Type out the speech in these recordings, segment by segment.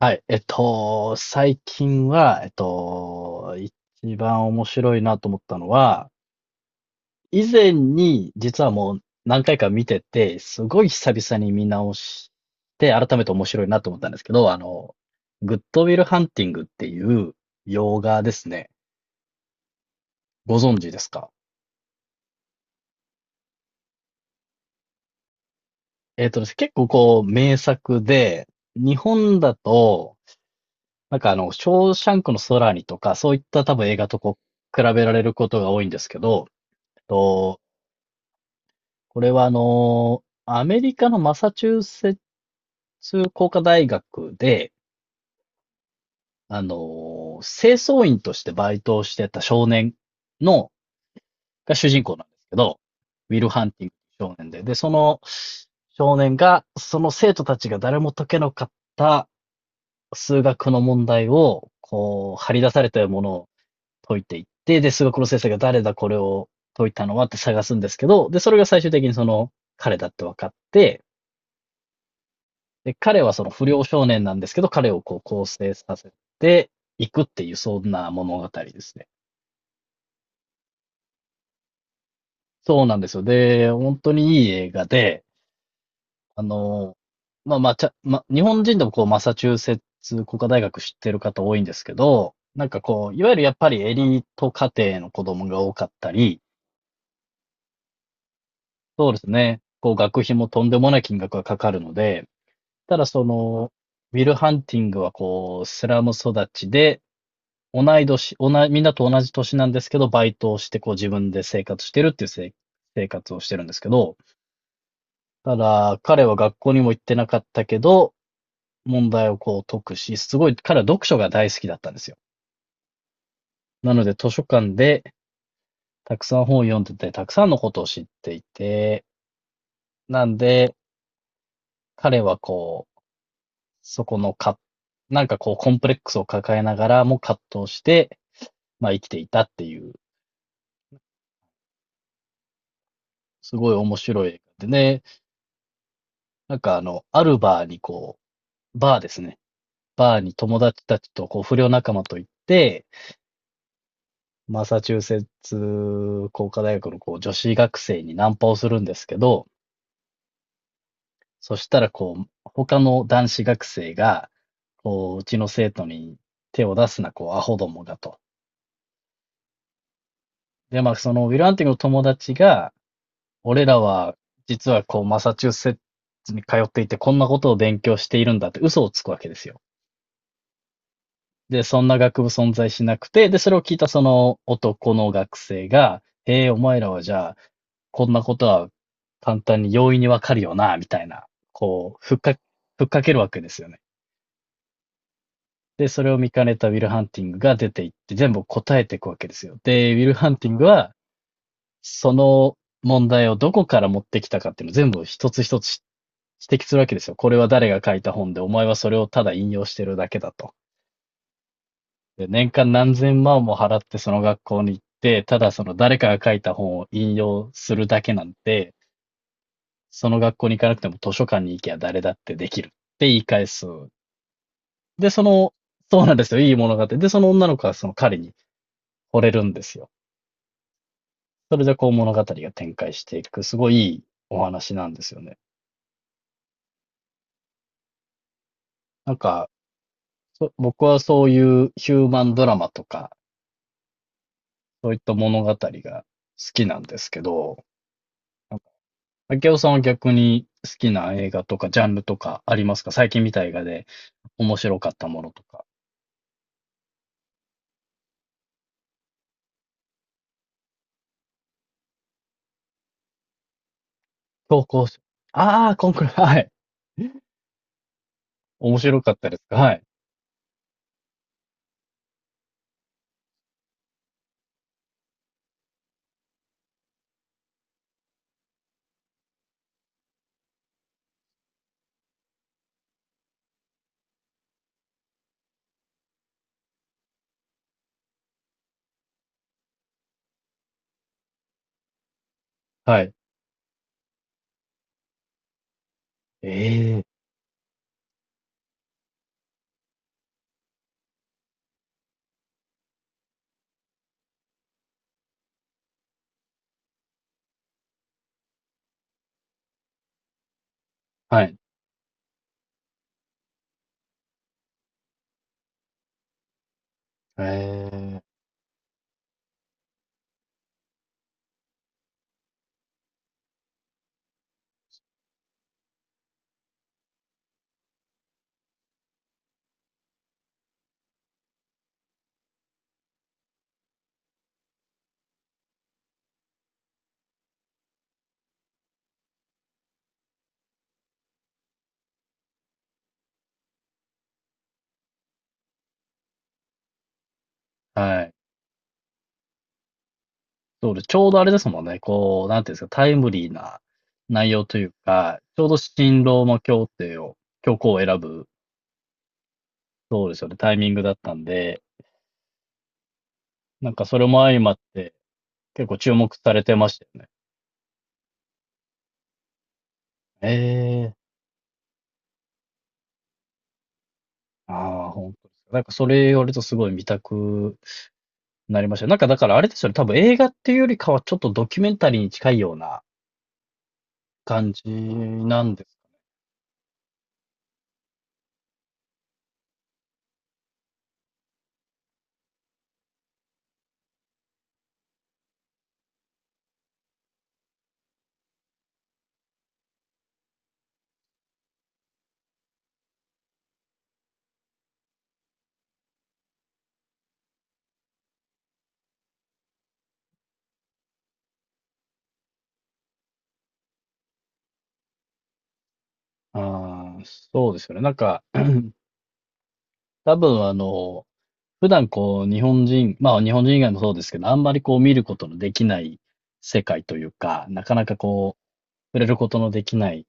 はい。最近は、一番面白いなと思ったのは、以前に実はもう何回か見てて、すごい久々に見直して、改めて面白いなと思ったんですけど、グッドウィルハンティングっていう洋画ですね。ご存知ですか？えっとですね、結構こう、名作で、日本だと、ショーシャンクの空にとか、そういった多分映画とこう、比べられることが多いんですけど、えっと、これはアメリカのマサチューセッツ工科大学で、あのー清掃員としてバイトをしてた少年の、が主人公なんですけど、ウィル・ハンティング少年で、その少年が、その生徒たちが誰も解けなかった数学の問題を、こう、張り出されたものを解いていって、で、数学の先生が誰だこれを解いたのはって探すんですけど、で、それが最終的にその彼だって分かって、で、彼はその不良少年なんですけど、彼をこう構成させていくっていう、そんな物語ですね。そうなんですよ。で、本当にいい映画で、あの、まあまあ、ちゃ、ま、日本人でもこう、マサチューセッツ工科大学知ってる方多いんですけど、こう、いわゆるやっぱりエリート家庭の子供が多かったり、そうですね、こう、学費もとんでもない金額がかかるので、ただその、ウィル・ハンティングはこう、スラム育ちで、同い年、みんなと同じ年なんですけど、バイトをして、こう自分で生活してるっていう生活をしてるんですけど、ただ、彼は学校にも行ってなかったけど、問題をこう解くし、すごい、彼は読書が大好きだったんですよ。なので、図書館でたくさん本を読んでて、たくさんのことを知っていて、なんで、彼はこう、そこのか、こう、コンプレックスを抱えながらも葛藤して、まあ生きていたっていう、すごい面白い映画でね、アルバーにこう、バーですね。バーに友達たちと、こう、不良仲間と行って、マサチューセッツ工科大学のこう女子学生にナンパをするんですけど、そしたらこう、他の男子学生が、こう、うちの生徒に手を出すな、こう、アホどもがと。で、まあ、そのウィル・ハンティングの友達が、俺らは、実はこう、マサチューセッツに通っていて、こんなことを勉強しているんだって嘘をつくわけですよ。で、そんな学部存在しなくて、で、それを聞いたその男の学生が、へえ、お前らはじゃあ、こんなことは簡単に容易にわかるよな、みたいな、こう、ふっかけるわけですよね。で、それを見かねたウィル・ハンティングが出ていって、全部答えていくわけですよ。で、ウィル・ハンティングは、その問題をどこから持ってきたかっていうのを全部一つ一つ指摘するわけですよ。これは誰が書いた本で、お前はそれをただ引用してるだけだと。で、年間何千万も払ってその学校に行って、ただその誰かが書いた本を引用するだけなんて、その学校に行かなくても図書館に行きゃ誰だってできるって言い返す。で、その、そうなんですよ。いい物語。で、その女の子はその彼に惚れるんですよ。それでこう物語が展開していく、すごいいいお話なんですよね。なんか、僕はそういうヒューマンドラマとか、そういった物語が好きなんですけど、明夫さんは逆に好きな映画とかジャンルとかありますか？最近見た映画で面白かったものとか。投稿し、ああ、コンクール。はい。面白かったですか？はい。はい。ええ、はい。ええ、はい。そうです。ちょうどあれですもんね。こう、なんていうんですか、タイムリーな内容というか、ちょうど新ローマ教廷を、教皇を選ぶ、そうですよね、タイミングだったんで、なんかそれも相まって結構注目されてましたよね。ええ、ああ、本当ですか？それ言われるとすごい見たくなりましたよ。なんかだからあれですよね、多分映画っていうよりかはちょっとドキュメンタリーに近いような感じなんです。ああ、そうですよね。多分普段こう日本人、まあ日本人以外もそうですけど、あんまりこう見ることのできない世界というか、なかなかこう触れることのできない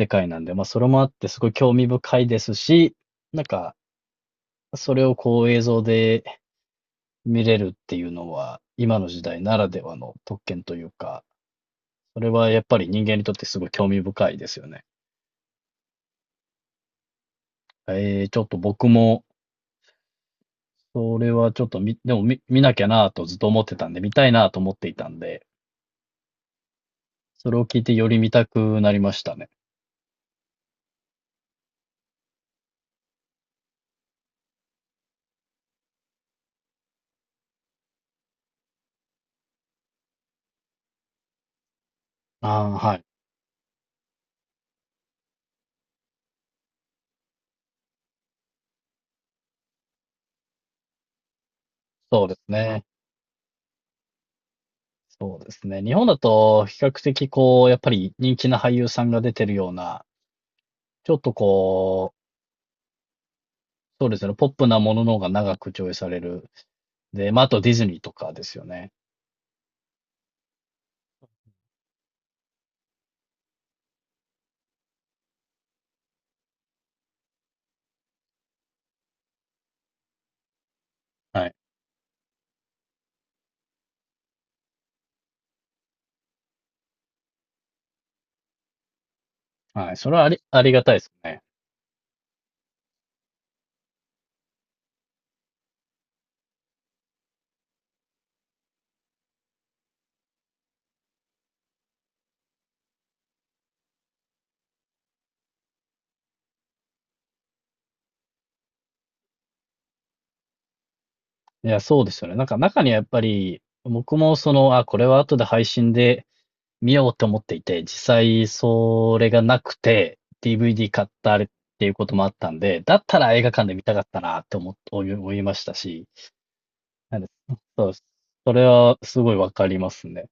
世界なんで、まあそれもあってすごい興味深いですし、なんかそれをこう映像で見れるっていうのは、今の時代ならではの特権というか、それはやっぱり人間にとってすごい興味深いですよね。ちょっと僕も、それはちょっと見、でも見、見なきゃなぁとずっと思ってたんで、見たいなぁと思っていたんで、それを聞いてより見たくなりましたね。ああ、はい。そうですね。そうですね。日本だと比較的こう、やっぱり人気な俳優さんが出てるような、ちょっとこう、そうですね、ポップなものの方が長く上映される。で、まあ、あとディズニーとかですよね。はい。はい。それはありがたいですね。いや、そうですよね。中にはやっぱり、僕もその、あ、これは後で配信で見ようと思っていて、実際それがなくて、DVD 買ったあれっていうこともあったんで、だったら映画館で見たかったなって思いましたし、なんで、そうです。それはすごいわかりますね。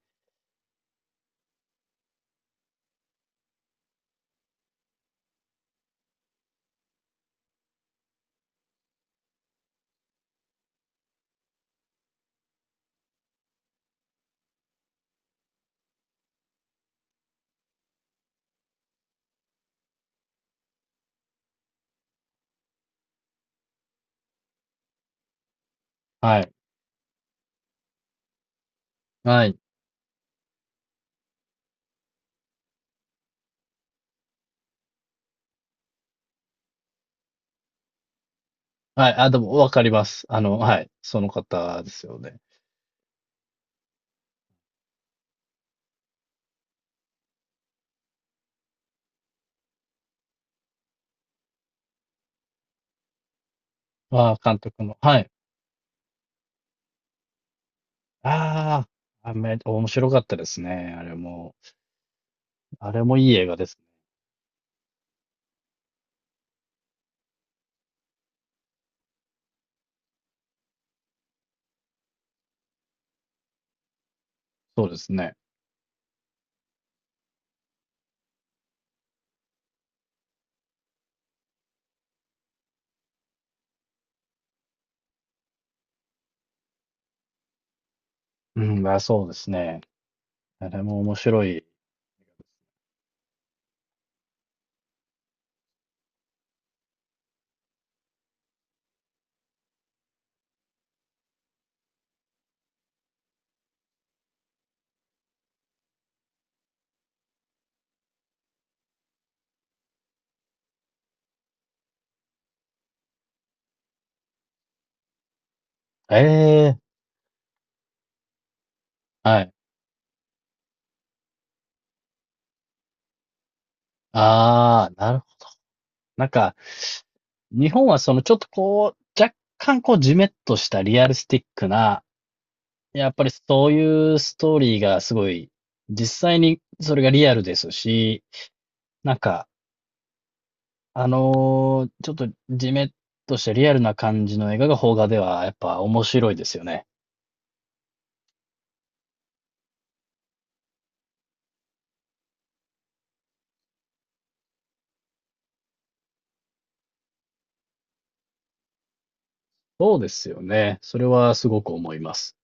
はい。はい。はい。あ、でもわかります。はい。その方ですよね。あ、監督の。はい。ああ、面白かったですね。あれも。あれもいい映画ですね。そうですね。うん、まあ、そうですね。あれも面白い。ええ、はい。ああ、なるほど。なんか、日本はそのちょっとこう、若干こうジメッとしたリアルスティックな、やっぱりそういうストーリーがすごい、実際にそれがリアルですし、なんか、ちょっとジメッとしたリアルな感じの映画が邦画ではやっぱ面白いですよね。そうですよね。それはすごく思います。